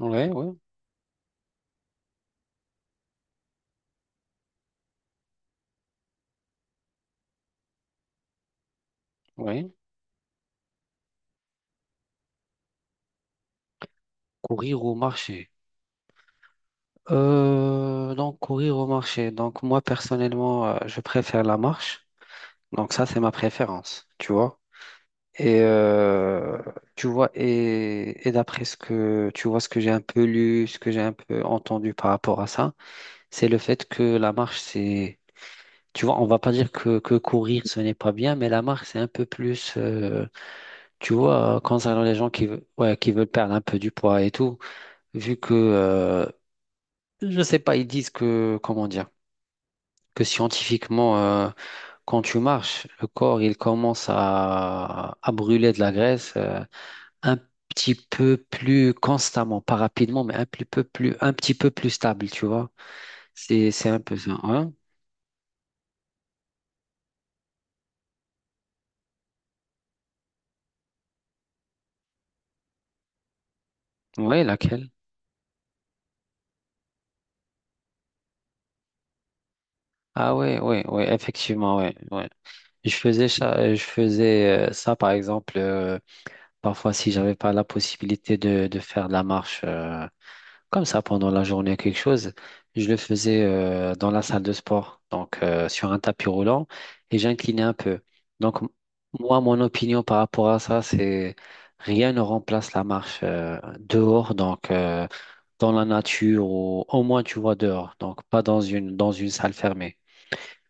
Ouais, ouais, ouais. Courir ou marcher? Courir ou marcher. Donc, moi, personnellement, je préfère la marche. Donc, ça, c'est ma préférence, tu vois. Et tu vois, et d'après ce que tu vois, ce que j'ai un peu lu, ce que j'ai un peu entendu par rapport à ça, c'est le fait que la marche, c'est, tu vois, on va pas dire que courir, ce n'est pas bien, mais la marche, c'est un peu plus, tu vois, concernant les gens ouais, qui veulent perdre un peu du poids et tout vu que je sais pas, ils disent que, comment dire, que scientifiquement, quand tu marches, le corps, il commence à brûler de la graisse, un petit peu plus constamment, pas rapidement, mais un petit peu plus, un petit peu plus stable, tu vois. C'est un peu ça. Hein? Ouais, laquelle? Ah ouais, ouais, ouais, effectivement, ouais, ouais. Je faisais ça, par exemple. Parfois, si j'avais pas la possibilité de faire de la marche, comme ça pendant la journée, quelque chose, je le faisais dans la salle de sport, donc sur un tapis roulant, et j'inclinais un peu. Donc, m- Moi, mon opinion par rapport à ça, c'est rien ne remplace la marche, dehors, donc dans la nature, ou au moins, tu vois, dehors, donc pas dans une, dans une salle fermée.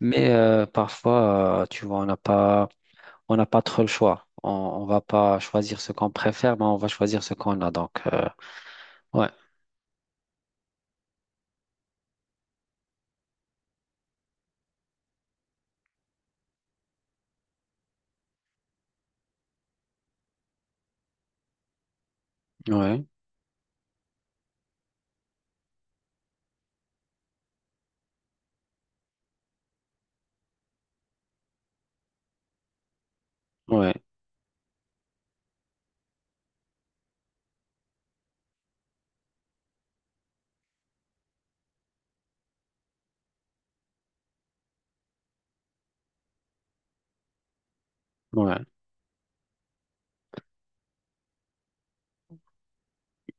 Mais parfois, tu vois, on n'a pas trop le choix. On va pas choisir ce qu'on préfère, mais on va choisir ce qu'on a. Donc, ouais, ouais, ouais, ouais,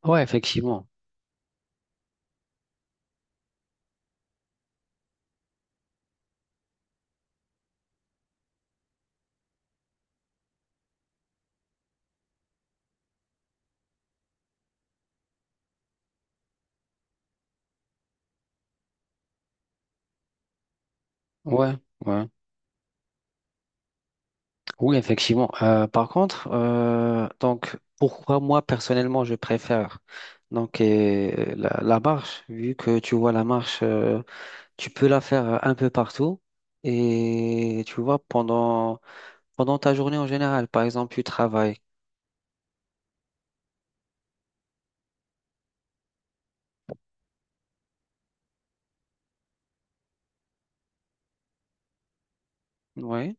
ouais, effectivement, ouais, ouais, oui, effectivement. Par contre, donc, pourquoi moi personnellement je préfère donc la, la marche, vu que tu vois la marche, tu peux la faire un peu partout et tu vois pendant ta journée en général. Par exemple, tu travailles, ouais.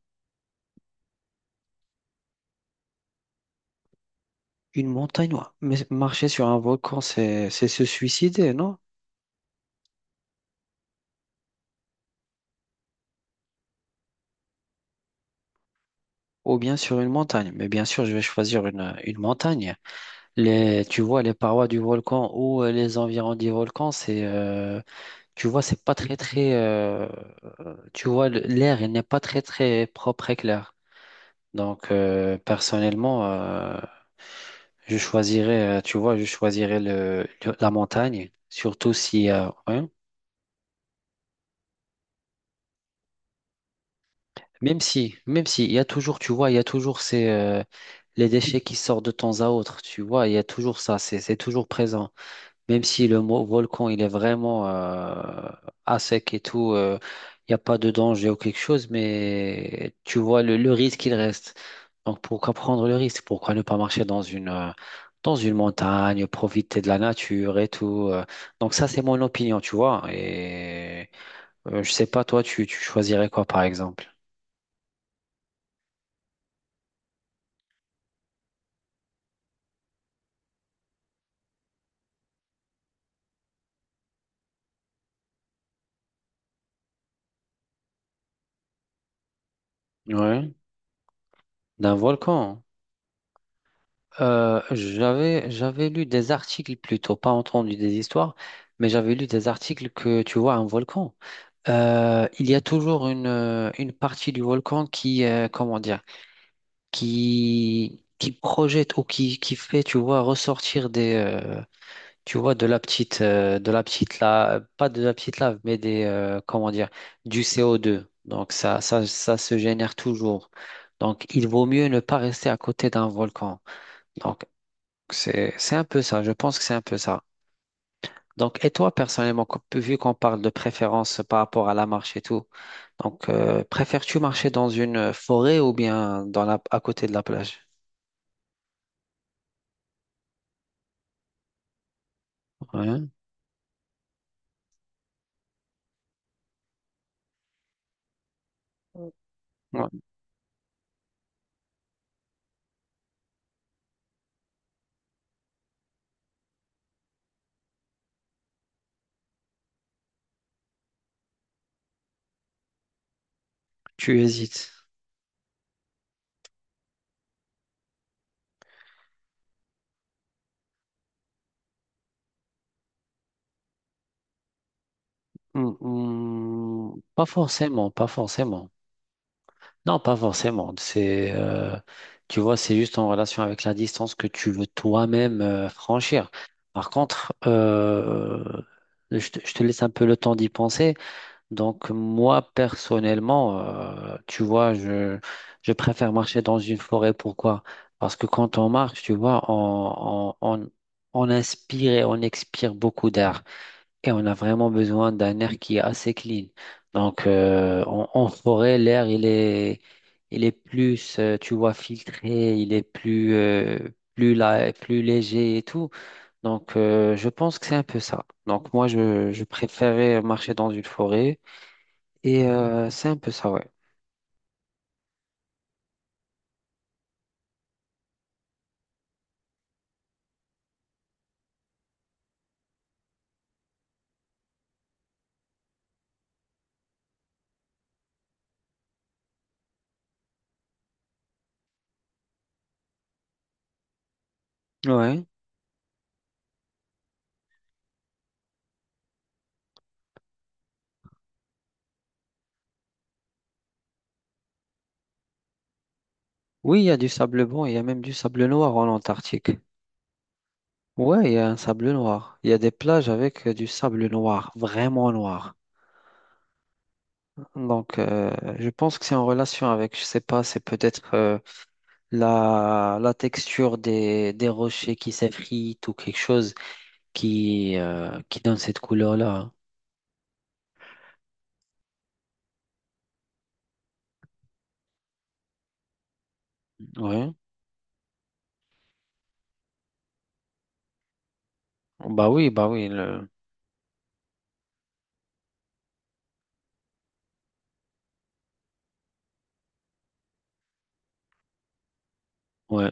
Une montagne, ouais. Mais marcher sur un volcan, c'est se suicider, non? Ou bien sur une montagne. Mais bien sûr, je vais choisir une montagne. Les, tu vois, les parois du volcan ou les environs du volcan, c'est, tu vois, c'est pas très très, tu vois, l'air, il n'est pas très très propre et clair. Donc, personnellement, je choisirais, tu vois, je choisirais le, la montagne, surtout si, ouais. Même si, il y a toujours, tu vois, il y a toujours ces, les déchets qui sortent de temps à autre, tu vois, il y a toujours ça, c'est toujours présent. Même si le volcan, il est vraiment à sec et tout, il n'y a pas de danger ou quelque chose, mais tu vois le risque, il reste. Donc pourquoi prendre le risque? Pourquoi ne pas marcher dans une montagne, profiter de la nature et tout. Donc ça, c'est mon opinion, tu vois. Et je sais pas, toi, tu choisirais quoi, par exemple? Ouais, d'un volcan. J'avais lu des articles plutôt, pas entendu des histoires, mais j'avais lu des articles que tu vois un volcan. Il y a toujours une, une partie du volcan qui, comment dire, qui projette ou qui fait, tu vois, ressortir des, tu vois, de la petite lave, pas de la petite lave, mais des, comment dire, du CO2. Donc ça se génère toujours. Donc il vaut mieux ne pas rester à côté d'un volcan. Donc c'est un peu ça. Je pense que c'est un peu ça. Donc, et toi, personnellement, vu qu'on parle de préférence par rapport à la marche et tout, donc préfères-tu marcher dans une forêt ou bien dans la, à côté de la plage? Ouais. Tu hésites. Hmm, hmm, pas forcément, pas forcément. Non, pas forcément. C'est, tu vois, c'est juste en relation avec la distance que tu veux toi-même, franchir. Par contre, je te laisse un peu le temps d'y penser. Donc, moi, personnellement, tu vois, je préfère marcher dans une forêt. Pourquoi? Parce que quand on marche, tu vois, on, on inspire et on expire beaucoup d'air. Et on a vraiment besoin d'un air qui est assez clean. Donc, en, en forêt, l'air, il est plus, tu vois, filtré, il est plus, plus, plus léger et tout. Donc, je pense que c'est un peu ça. Donc, moi, je préférais marcher dans une forêt. Et c'est un peu ça, ouais. Ouais. Oui, il y a du sable blanc, il y a même du sable noir en Antarctique. Ouais, il y a un sable noir. Il y a des plages avec du sable noir, vraiment noir. Donc, je pense que c'est en relation avec, je sais pas, c'est peut-être la, la texture des rochers qui s'effritent ou quelque chose qui donne cette couleur-là. Ouais. Bah oui, bah oui. Le… Ouais.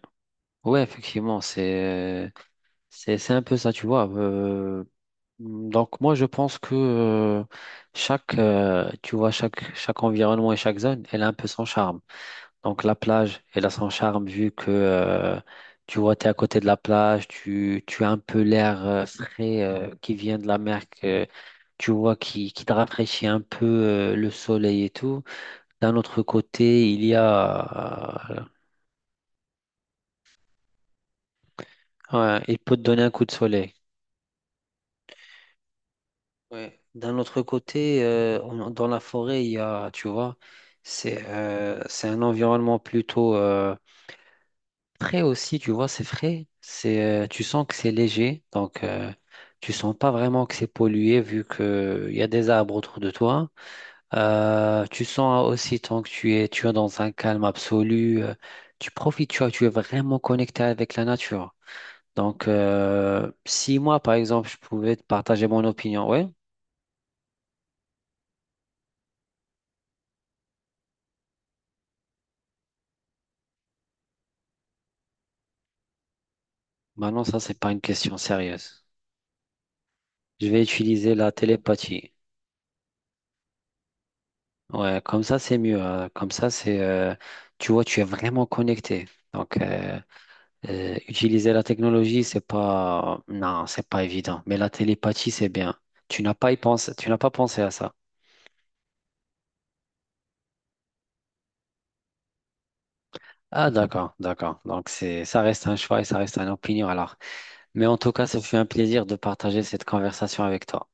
Ouais, effectivement, c'est un peu ça, tu vois. Donc, moi, je pense que chaque, tu vois, chaque, chaque environnement et chaque zone, elle a un peu son charme. Donc la plage, elle a son charme vu que tu vois, tu es à côté de la plage, tu as un peu l'air, frais, qui vient de la mer, que tu vois, qui te rafraîchit un peu, le soleil et tout. D'un autre côté, il y a… ouais, il peut te donner un coup de soleil. Ouais. D'un autre côté, dans la forêt, il y a, tu vois, c'est un environnement plutôt… Frais aussi, tu vois, c'est frais. C'est, tu sens que c'est léger, donc tu sens pas vraiment que c'est pollué vu que il y a des arbres autour de toi. Tu sens aussi tant que tu es dans un calme absolu, tu profites, tu vois, tu es vraiment connecté avec la nature. Donc, si moi, par exemple, je pouvais te partager mon opinion, ouais, maintenant ça c'est pas une question sérieuse. Je vais utiliser la télépathie. Ouais, comme ça, c'est mieux. Hein. Comme ça, c'est, tu vois, tu es vraiment connecté. Donc, utiliser la technologie, c'est pas, non, c'est pas évident. Mais la télépathie, c'est bien. Tu n'as pas y pensé, tu n'as pas pensé à ça. Ah, d'accord, d'accord. Donc, c'est, ça reste un choix et ça reste une opinion alors. Mais en tout cas, ça fait un plaisir de partager cette conversation avec toi.